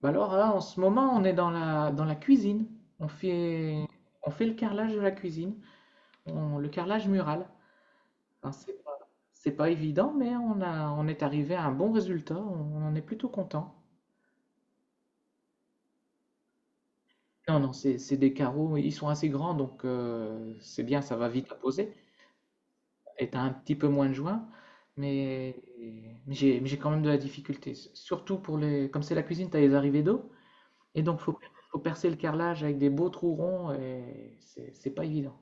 Bah alors là, en ce moment, on est dans la cuisine. On fait, on fait le carrelage de la cuisine, le carrelage mural. Enfin, c'est pas évident, mais on est arrivé à un bon résultat. On en est plutôt content. Non, non, c'est des carreaux, ils sont assez grands, donc c'est bien, ça va vite à poser. Et t'as un petit peu moins de joints, mais, mais j'ai quand même de la difficulté. Surtout pour les, comme c'est la cuisine, t'as les arrivées d'eau, et donc faut percer le carrelage avec des beaux trous ronds, et c'est pas évident.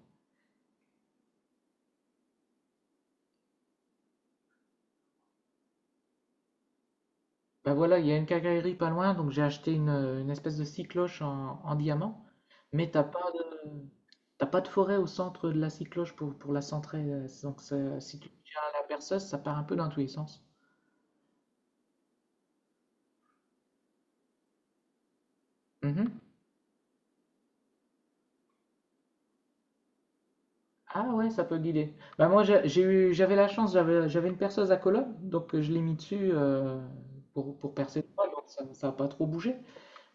Bah voilà, il y a une quincaillerie pas loin, donc j'ai acheté une espèce de cycloche en diamant, mais t'as pas de forêt au centre de la cycloche pour la centrer, donc si tu tiens la perceuse, ça part un peu dans tous les sens. Mhm. Ah ouais, ça peut guider. Bah moi j'avais la chance, j'avais une perceuse à colonne, donc je l'ai mis dessus pour percer le toit, donc ça a pas trop bougé.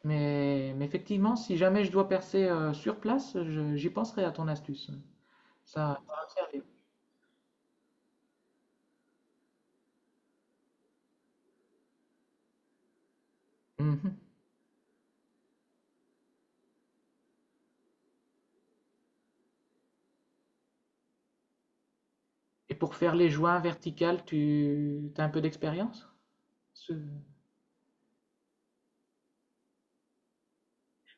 Mais effectivement, si jamais je dois percer sur place, j'y penserai à ton astuce. Ça va me servir. Mhm. Et pour faire les joints verticales, tu as un peu d'expérience? Ce-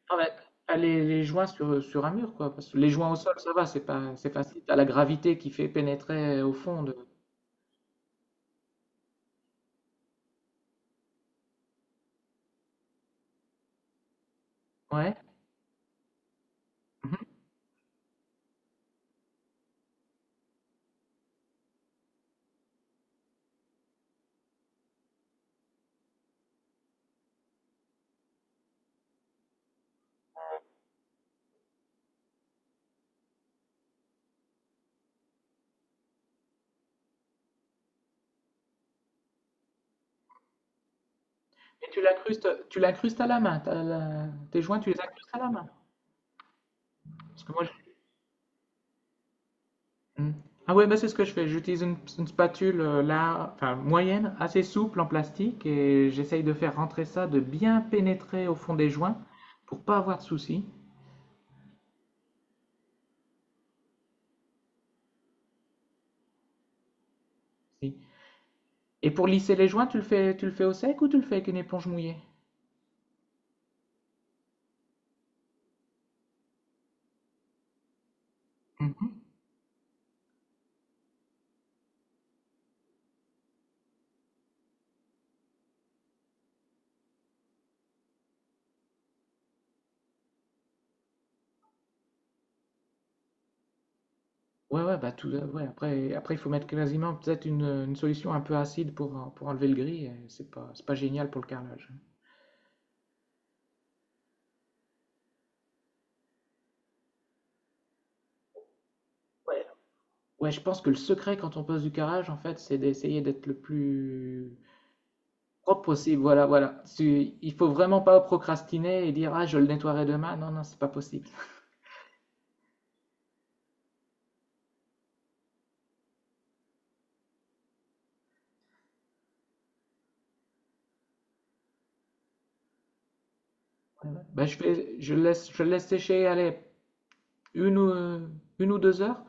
Enfin, ouais, pas les, les joints sur un mur, quoi. Parce que les joints au sol, ça va, c'est pas, c'est facile. T'as la gravité qui fait pénétrer au fond de… Ouais. Mhm. Et tu l'incrustes à la main. Tes joints, tu les incrustes à la main. Parce que moi, Mhm. Ah ouais, bah c'est ce que je fais. J'utilise une spatule là, enfin moyenne, assez souple en plastique, et j'essaye de faire rentrer ça, de bien pénétrer au fond des joints pour pas avoir de soucis. Si. Et pour lisser les joints, tu le fais au sec ou tu le fais avec une éponge mouillée? Mhm. Ouais, ouais, bah ouais, après, il faut mettre quasiment peut-être une solution un peu acide pour enlever le gris. Et c'est pas génial pour le carrelage. Ouais. Ouais, je pense que le secret quand on pose du carrelage, en fait, c'est d'essayer d'être le plus propre possible. Voilà, voilà. Il faut vraiment pas procrastiner et dire, ah, je le nettoierai demain. Non, non, c'est pas possible. Ouais, ouais. Bah, je le laisse sécher, allez, une ou, heu, une ou 2 heures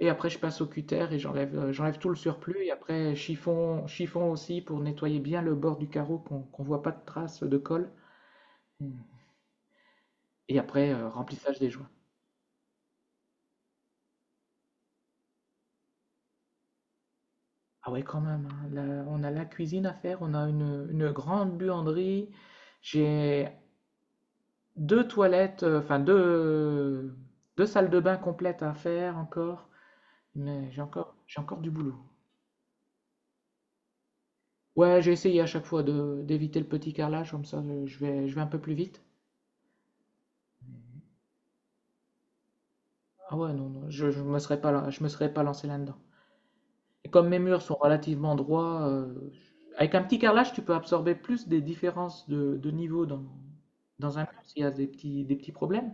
et après je passe au cutter et j'enlève tout le surplus, et après chiffon aussi pour nettoyer bien le bord du carreau qu'on voit pas de traces de colle. Mmh. Et après, remplissage des joints. Ah ouais quand même, hein, là, on a la cuisine à faire, on a une grande buanderie, j'ai 2 toilettes, enfin 2 salles de bain complètes à faire encore, mais j'ai encore du boulot. Ouais, j'ai essayé à chaque fois de d'éviter le petit carrelage comme ça, je vais un peu plus vite. Ah ouais, non, non, je me serais pas, je me serais pas lancé là-dedans. Et comme mes murs sont relativement droits, avec un petit carrelage, tu peux absorber plus des différences de niveau dans un mur s'il y a des petits problèmes.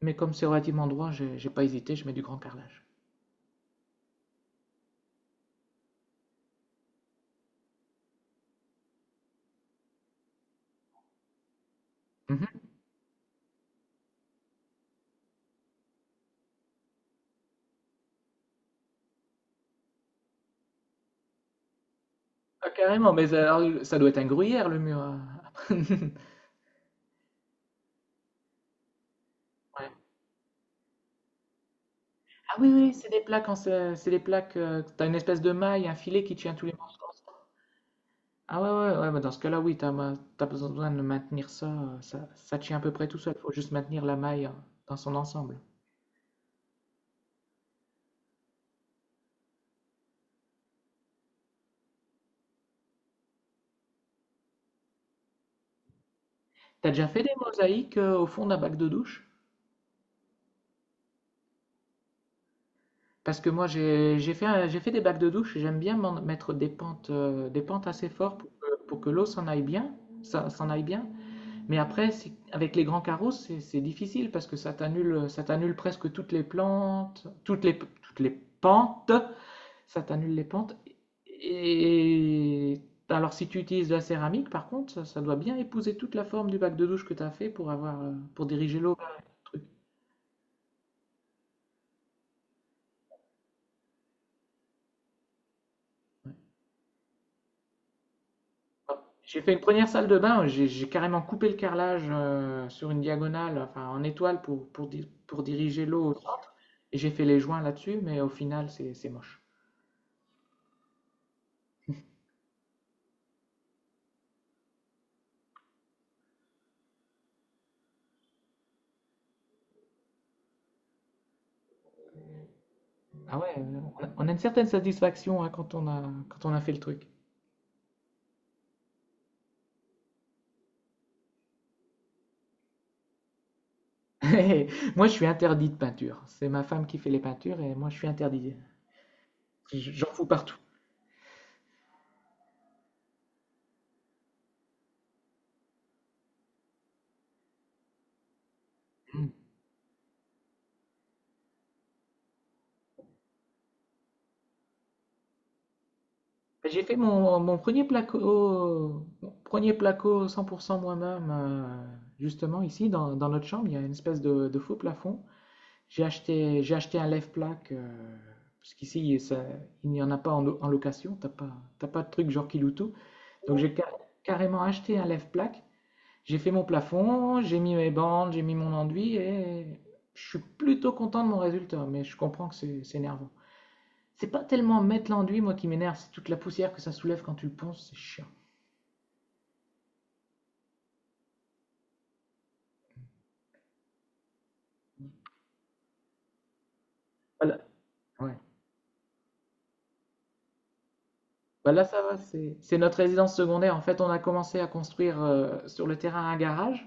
Mais comme c'est relativement droit, j'ai pas hésité, je mets du grand carrelage. Mhm. Ah, carrément, mais ça doit être un gruyère le mur, hein. Ouais. Ah oui, oui, c'est des plaques, c'est des plaques, t'as une espèce de maille, un filet qui tient tous les morceaux. Ah ouais, ouais, ouais, bah dans ce cas-là, oui, t'as besoin de maintenir ça, ça tient à peu près tout seul, faut juste maintenir la maille dans son ensemble. T'as déjà fait des mosaïques au fond d'un bac de douche? Parce que moi, j'ai fait, j'ai fait des bacs de douche, et j'aime bien mettre des pentes assez fortes pour que l'eau s'en aille bien, s'en aille bien. Mais après, avec les grands carreaux, c'est difficile parce que ça t'annule presque toutes les plantes, toutes les pentes. Ça t'annule les pentes. Et alors, si tu utilises de la céramique, par contre, ça doit bien épouser toute la forme du bac de douche que tu as fait pour avoir, pour diriger l'eau vers le truc. Ouais. J'ai fait une première salle de bain, j'ai carrément coupé le carrelage sur une diagonale, enfin en étoile pour diriger l'eau au centre, et j'ai fait les joints là-dessus, mais au final c'est moche. Ah ouais, on a une certaine satisfaction hein, quand on a fait le truc. Moi je suis interdit de peinture, c'est ma femme qui fait les peintures et moi je suis interdit. J'en fous partout. J'ai fait mon premier placo 100% moi-même, justement ici dans notre chambre. Il y a une espèce de faux plafond. J'ai acheté un lève-plaque, parce qu'ici il n'y en a pas en location. T'as pas de truc genre Kiloutou. Donc carrément acheté un lève-plaque. J'ai fait mon plafond, j'ai mis mes bandes, j'ai mis mon enduit et je suis plutôt content de mon résultat. Mais je comprends que c'est énervant. C'est pas tellement mettre l'enduit, moi, qui m'énerve, c'est toute la poussière que ça soulève quand tu le ponces, c'est chiant. Voilà. Ouais. Bah là, ça va, c'est notre résidence secondaire. En fait, on a commencé à construire sur le terrain un garage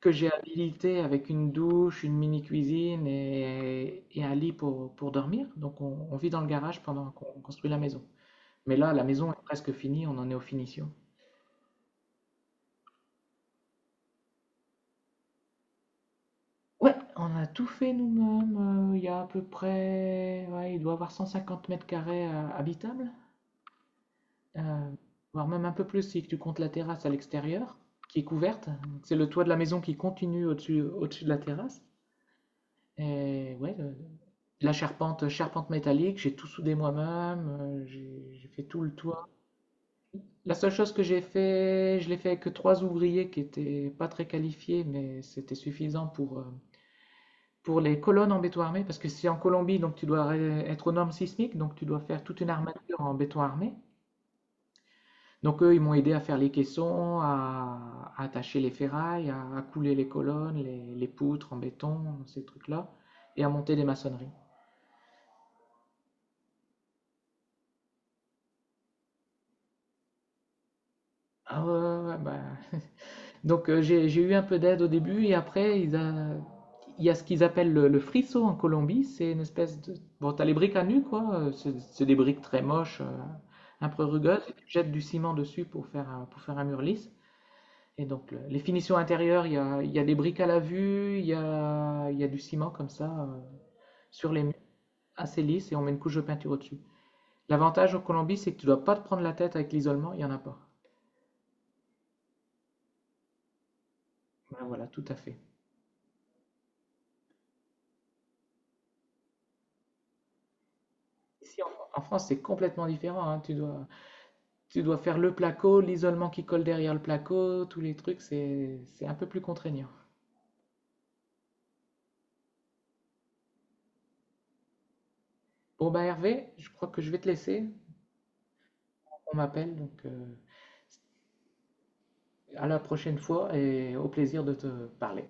que j'ai habilité avec une douche, une mini-cuisine et un lit pour dormir. Donc, on vit dans le garage pendant qu'on construit la maison. Mais là, la maison est presque finie, on en est aux finitions. Ouais, on a tout fait nous-mêmes. Euh, il y a à peu près, ouais, il doit y avoir 150 mètres carrés habitables. Heu, voire même un peu plus si tu comptes la terrasse à l'extérieur, qui est couverte. C'est le toit de la maison qui continue au-dessus de la terrasse. Et ouais, le la charpente, charpente métallique, j'ai tout soudé moi-même, j'ai fait tout le toit. La seule chose que j'ai fait, je l'ai fait avec 3 ouvriers qui étaient pas très qualifiés, mais c'était suffisant pour les colonnes en béton armé parce que c'est en Colombie, donc tu dois ré être aux normes sismiques, donc tu dois faire toute une armature en béton armé. Donc eux, ils m'ont aidé à faire les caissons, à attacher les ferrailles, à couler les colonnes, les poutres en béton, ces trucs-là, et à monter des maçonneries. Ah ouais, ouais, ouais, bah. Donc j'ai eu un peu d'aide au début, et après, il y a ce qu'ils appellent le frisson en Colombie, c'est une espèce de… Bon, t'as les briques à nu, quoi, c'est des briques très moches, un peu rugueuses, et tu jettes du ciment dessus pour faire, pour faire un mur lisse. Et donc, les finitions intérieures, il y a des briques à la vue, il y a du ciment comme ça sur les murs, assez lisse, et on met une couche de peinture au-dessus. L'avantage en Colombie, c'est que tu dois pas te prendre la tête avec l'isolement, il n'y en a pas. Ben voilà, tout à fait. Ici, en France, c'est complètement différent, hein. Tu dois faire le placo, l'isolement qui colle derrière le placo, tous les trucs, c'est un peu plus contraignant. Bon, ben Hervé, je crois que je vais te laisser. On m'appelle, donc à la prochaine fois et au plaisir de te parler.